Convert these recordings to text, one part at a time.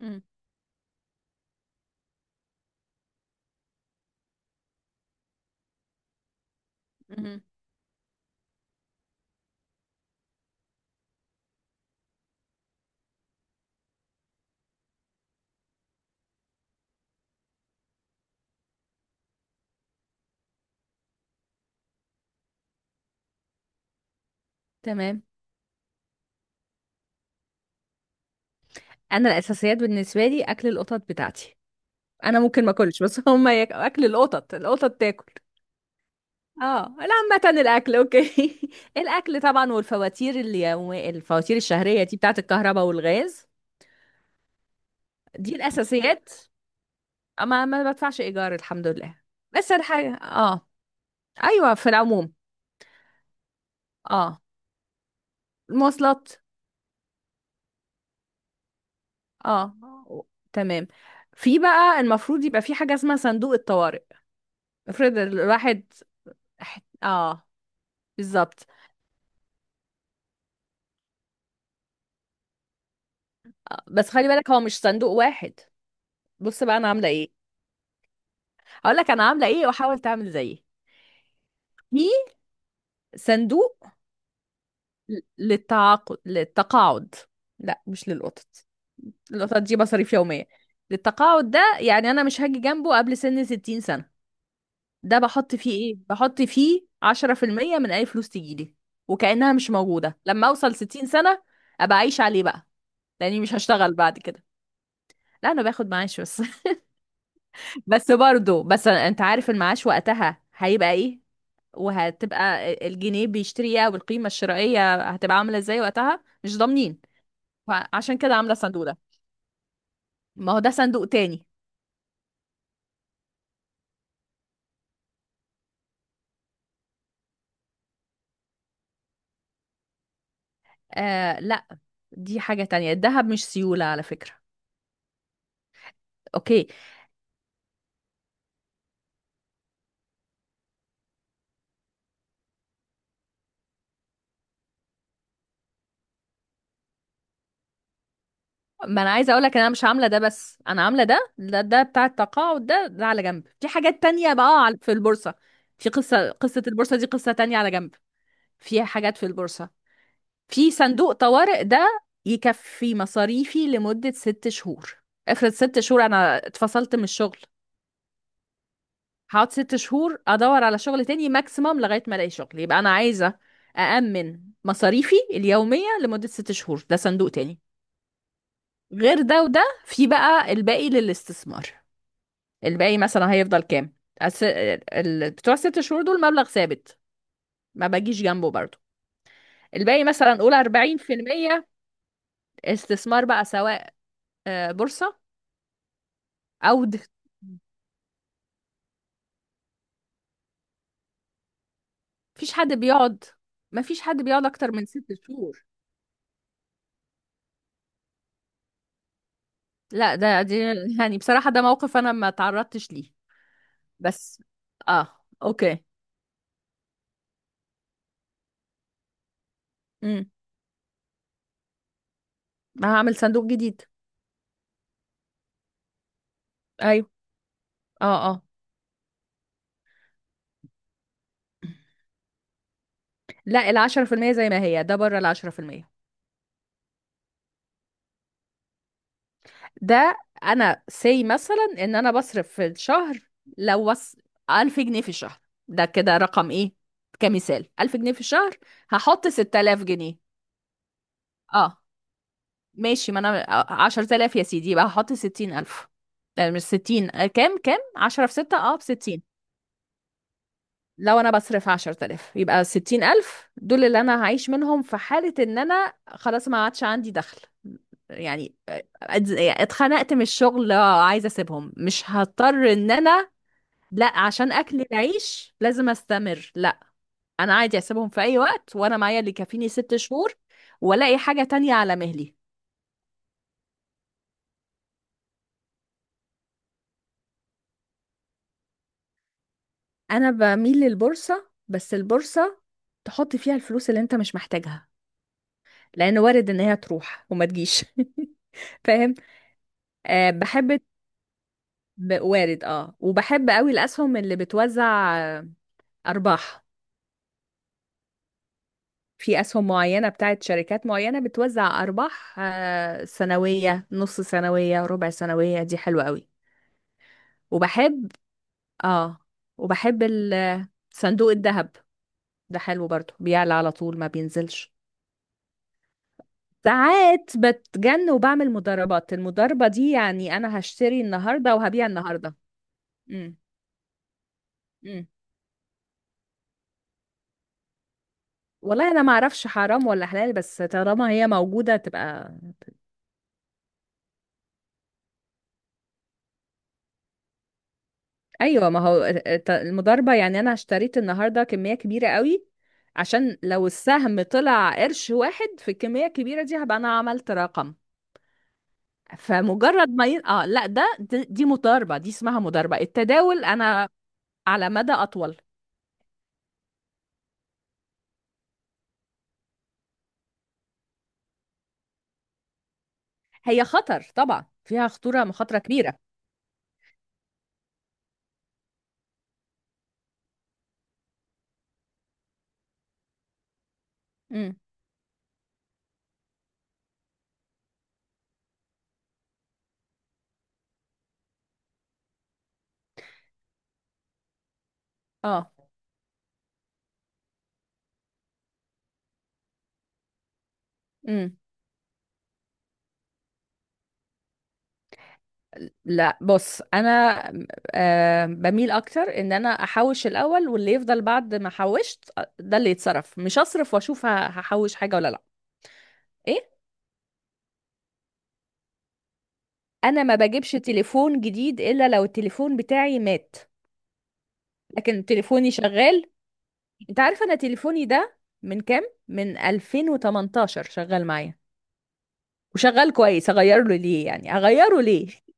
مم. مم. تمام. انا الاساسيات بالنسبه لي اكل القطط بتاعتي. انا ممكن ما اكلش، بس هما اكل القطط تاكل. اه لا، عامه الاكل اوكي. الاكل طبعا، والفواتير اليومية، الفواتير الشهريه دي بتاعه الكهرباء والغاز. دي الاساسيات. اما ما بدفعش ايجار الحمد لله. بس الحاجه ايوه في العموم. اه، المواصلات. اه تمام. في بقى المفروض يبقى في حاجه اسمها صندوق الطوارئ. افرض الواحد. اه، بالظبط. بس خلي بالك هو مش صندوق واحد. بص بقى انا عامله ايه، هقول لك انا عامله ايه وحاول تعمل زيي. في صندوق ل- للتعاقد للتقاعد. لا مش للقطط، القطط دي مصاريف يوميه. للتقاعد ده، يعني انا مش هاجي جنبه قبل سن 60 سنه. ده بحط فيه ايه؟ بحط فيه 10% من اي فلوس تجيلي، وكانها مش موجوده لما اوصل 60 سنه ابقى اعيش عليه بقى، لاني مش هشتغل بعد كده. لا انا باخد معاش بس. بس برضو، انت عارف المعاش وقتها هيبقى ايه، وهتبقى الجنيه بيشتري ايه، والقيمة الشرائية هتبقى عاملة ازاي وقتها مش ضامنين. فعشان كده عاملة الصندوق ده. ما هو ده صندوق تاني. آه لا، دي حاجة تانية، الذهب مش سيولة على فكرة. اوكي. ما انا عايزة اقولك ان انا مش عاملة ده، بس انا عاملة ده، ده بتاع التقاعد ده على جنب. في حاجات تانية بقى في البورصة. في قصة البورصة دي، قصة تانية على جنب. فيها حاجات في البورصة. في صندوق طوارئ ده يكفي مصاريفي لمدة 6 شهور. افرض 6 شهور انا اتفصلت من الشغل، هقعد 6 شهور ادور على شغل تاني ماكسيمم، لغاية ما الاقي شغل. يبقى انا عايزة أأمن مصاريفي اليومية لمدة 6 شهور، ده صندوق تاني. غير ده وده، في بقى الباقي للاستثمار. الباقي مثلا هيفضل كام؟ بتوع 6 شهور دول مبلغ ثابت، ما بجيش جنبه برضه. الباقي مثلا قول 40% استثمار بقى، سواء بورصة او د... مفيش حد بيقعد مفيش حد بيقعد اكتر من 6 شهور. لا ده دي، يعني بصراحة ده موقف انا ما تعرضتش ليه. بس اه، اوكي. امم هعمل صندوق جديد. ايوه. اه اه، لا العشرة في المية زي ما هي، ده بره العشرة في المية. ده انا سي مثلا ان انا بصرف في الشهر، لو وص 1000 جنيه في الشهر. ده كده رقم ايه، كمثال 1000 جنيه في الشهر. هحط 6000 جنيه. اه ماشي، ما انا 10,000 يا سيدي، يبقى هحط 60,000. لا مش ستين، كام، عشرة في ستة، اه بستين. لو انا بصرف 10,000، يبقى 60,000 دول اللي انا هعيش منهم في حالة ان انا خلاص ما عادش عندي دخل. يعني اتخنقت من الشغل، عايزة اسيبهم، مش هضطر ان انا لا عشان اكل العيش لازم استمر لا. انا عادي اسيبهم في اي وقت وانا معايا اللي يكفيني 6 شهور، والاقي حاجة تانية على مهلي. انا بميل للبورصة، بس البورصة تحط فيها الفلوس اللي انت مش محتاجها، لان وارد ان هي تروح وما تجيش. فاهم. أه بحب، وارد، اه وبحب قوي الاسهم اللي بتوزع ارباح. في اسهم معينة بتاعت شركات معينة بتوزع ارباح سنوية، نص سنوية، ربع سنوية، دي حلوة قوي. وبحب اه وبحب صندوق الذهب. ده حلو برضه، بيعلى على طول ما بينزلش. ساعات بتجن وبعمل مضاربات. المضاربة دي يعني انا هشتري النهاردة وهبيع النهاردة. امم. امم. والله انا ما اعرفش حرام ولا حلال، بس طالما هي موجودة تبقى. ايوه، ما هو المضاربة يعني انا اشتريت النهاردة كمية كبيرة قوي، عشان لو السهم طلع قرش واحد في الكمية الكبيرة دي هبقى انا عملت رقم. فمجرد ما ي... اه لا ده، دي مضاربة، دي اسمها مضاربة. التداول انا على مدى اطول. هي خطر طبعا، فيها خطورة، مخاطرة كبيرة. امم. اه. امم. لا بص انا بميل اكتر ان انا احوش الاول، واللي يفضل بعد ما حوشت ده اللي يتصرف. مش اصرف واشوف هحوش حاجه ولا لا. ايه. انا ما بجيبش تليفون جديد الا لو التليفون بتاعي مات. لكن تليفوني شغال. انت عارف انا تليفوني ده من كام، من 2018 شغال معايا، وشغال كويس، اغيره ليه يعني، اغيره ليه.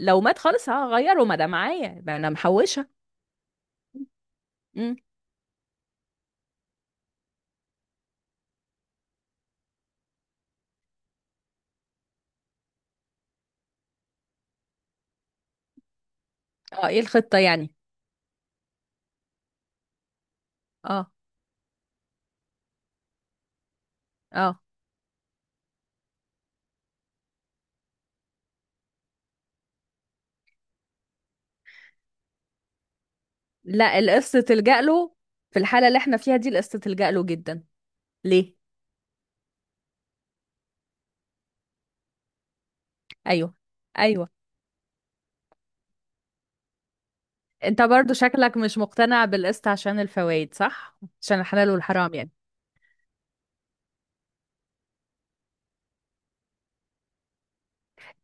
لو مات خالص هغيره، ما ده معايا، ما انا محوشه. امم. اه، ايه الخطه يعني. اه اه، لا القصة تلجأ له. في الحالة اللي احنا فيها دي القصة تلجأ له جدا. ليه؟ ايوه ايوه. انت برضو شكلك مش مقتنع بالقسط عشان الفوائد، صح؟ عشان الحلال والحرام يعني.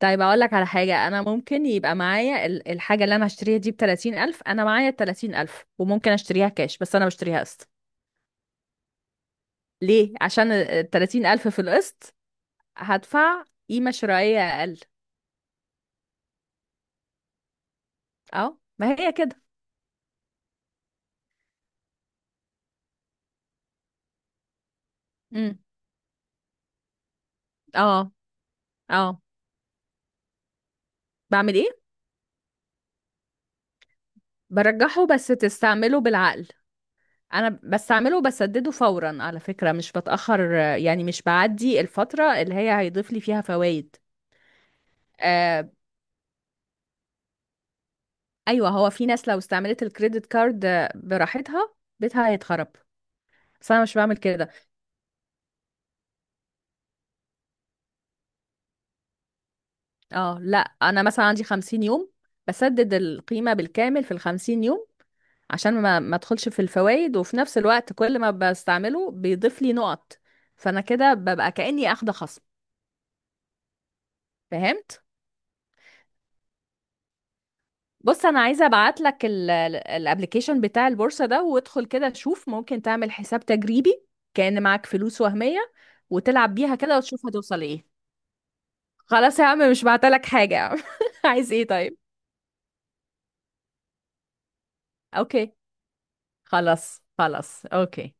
طيب اقول لك على حاجة. انا ممكن يبقى معايا الحاجة اللي انا هشتريها دي بـ30,000، انا معايا الـ30,000 وممكن اشتريها كاش، بس انا بشتريها قسط. ليه؟ عشان الـ30,000 في القسط هدفع قيمة شرائية اقل. اه ما هي كده. امم. اه. اه، بعمل ايه؟ برجحه، بس تستعمله بالعقل. انا بستعمله وبسدده فورا على فكرة، مش بتأخر، يعني مش بعدي الفترة اللي هي هيضيف لي فيها فوائد. آه ايوه، هو في ناس لو استعملت الكريدت كارد براحتها بيتها هيتخرب. بس انا مش بعمل كده. اه لا، انا مثلا عندي 50 يوم، بسدد القيمة بالكامل في الـ50 يوم، عشان ما ادخلش في الفوائد، وفي نفس الوقت كل ما بستعمله بيضيف لي نقط، فانا كده ببقى كأني اخده خصم. فهمت. بص انا عايزه ابعت لك الابلكيشن بتاع البورصه ده، وادخل كده شوف ممكن تعمل حساب تجريبي كأن معاك فلوس وهميه، وتلعب بيها كده، وتشوف هتوصل ايه. خلاص يا عم مش بعتلك حاجه يا عم. عايز ايه طيب. اوكي. خلاص خلاص اوكي.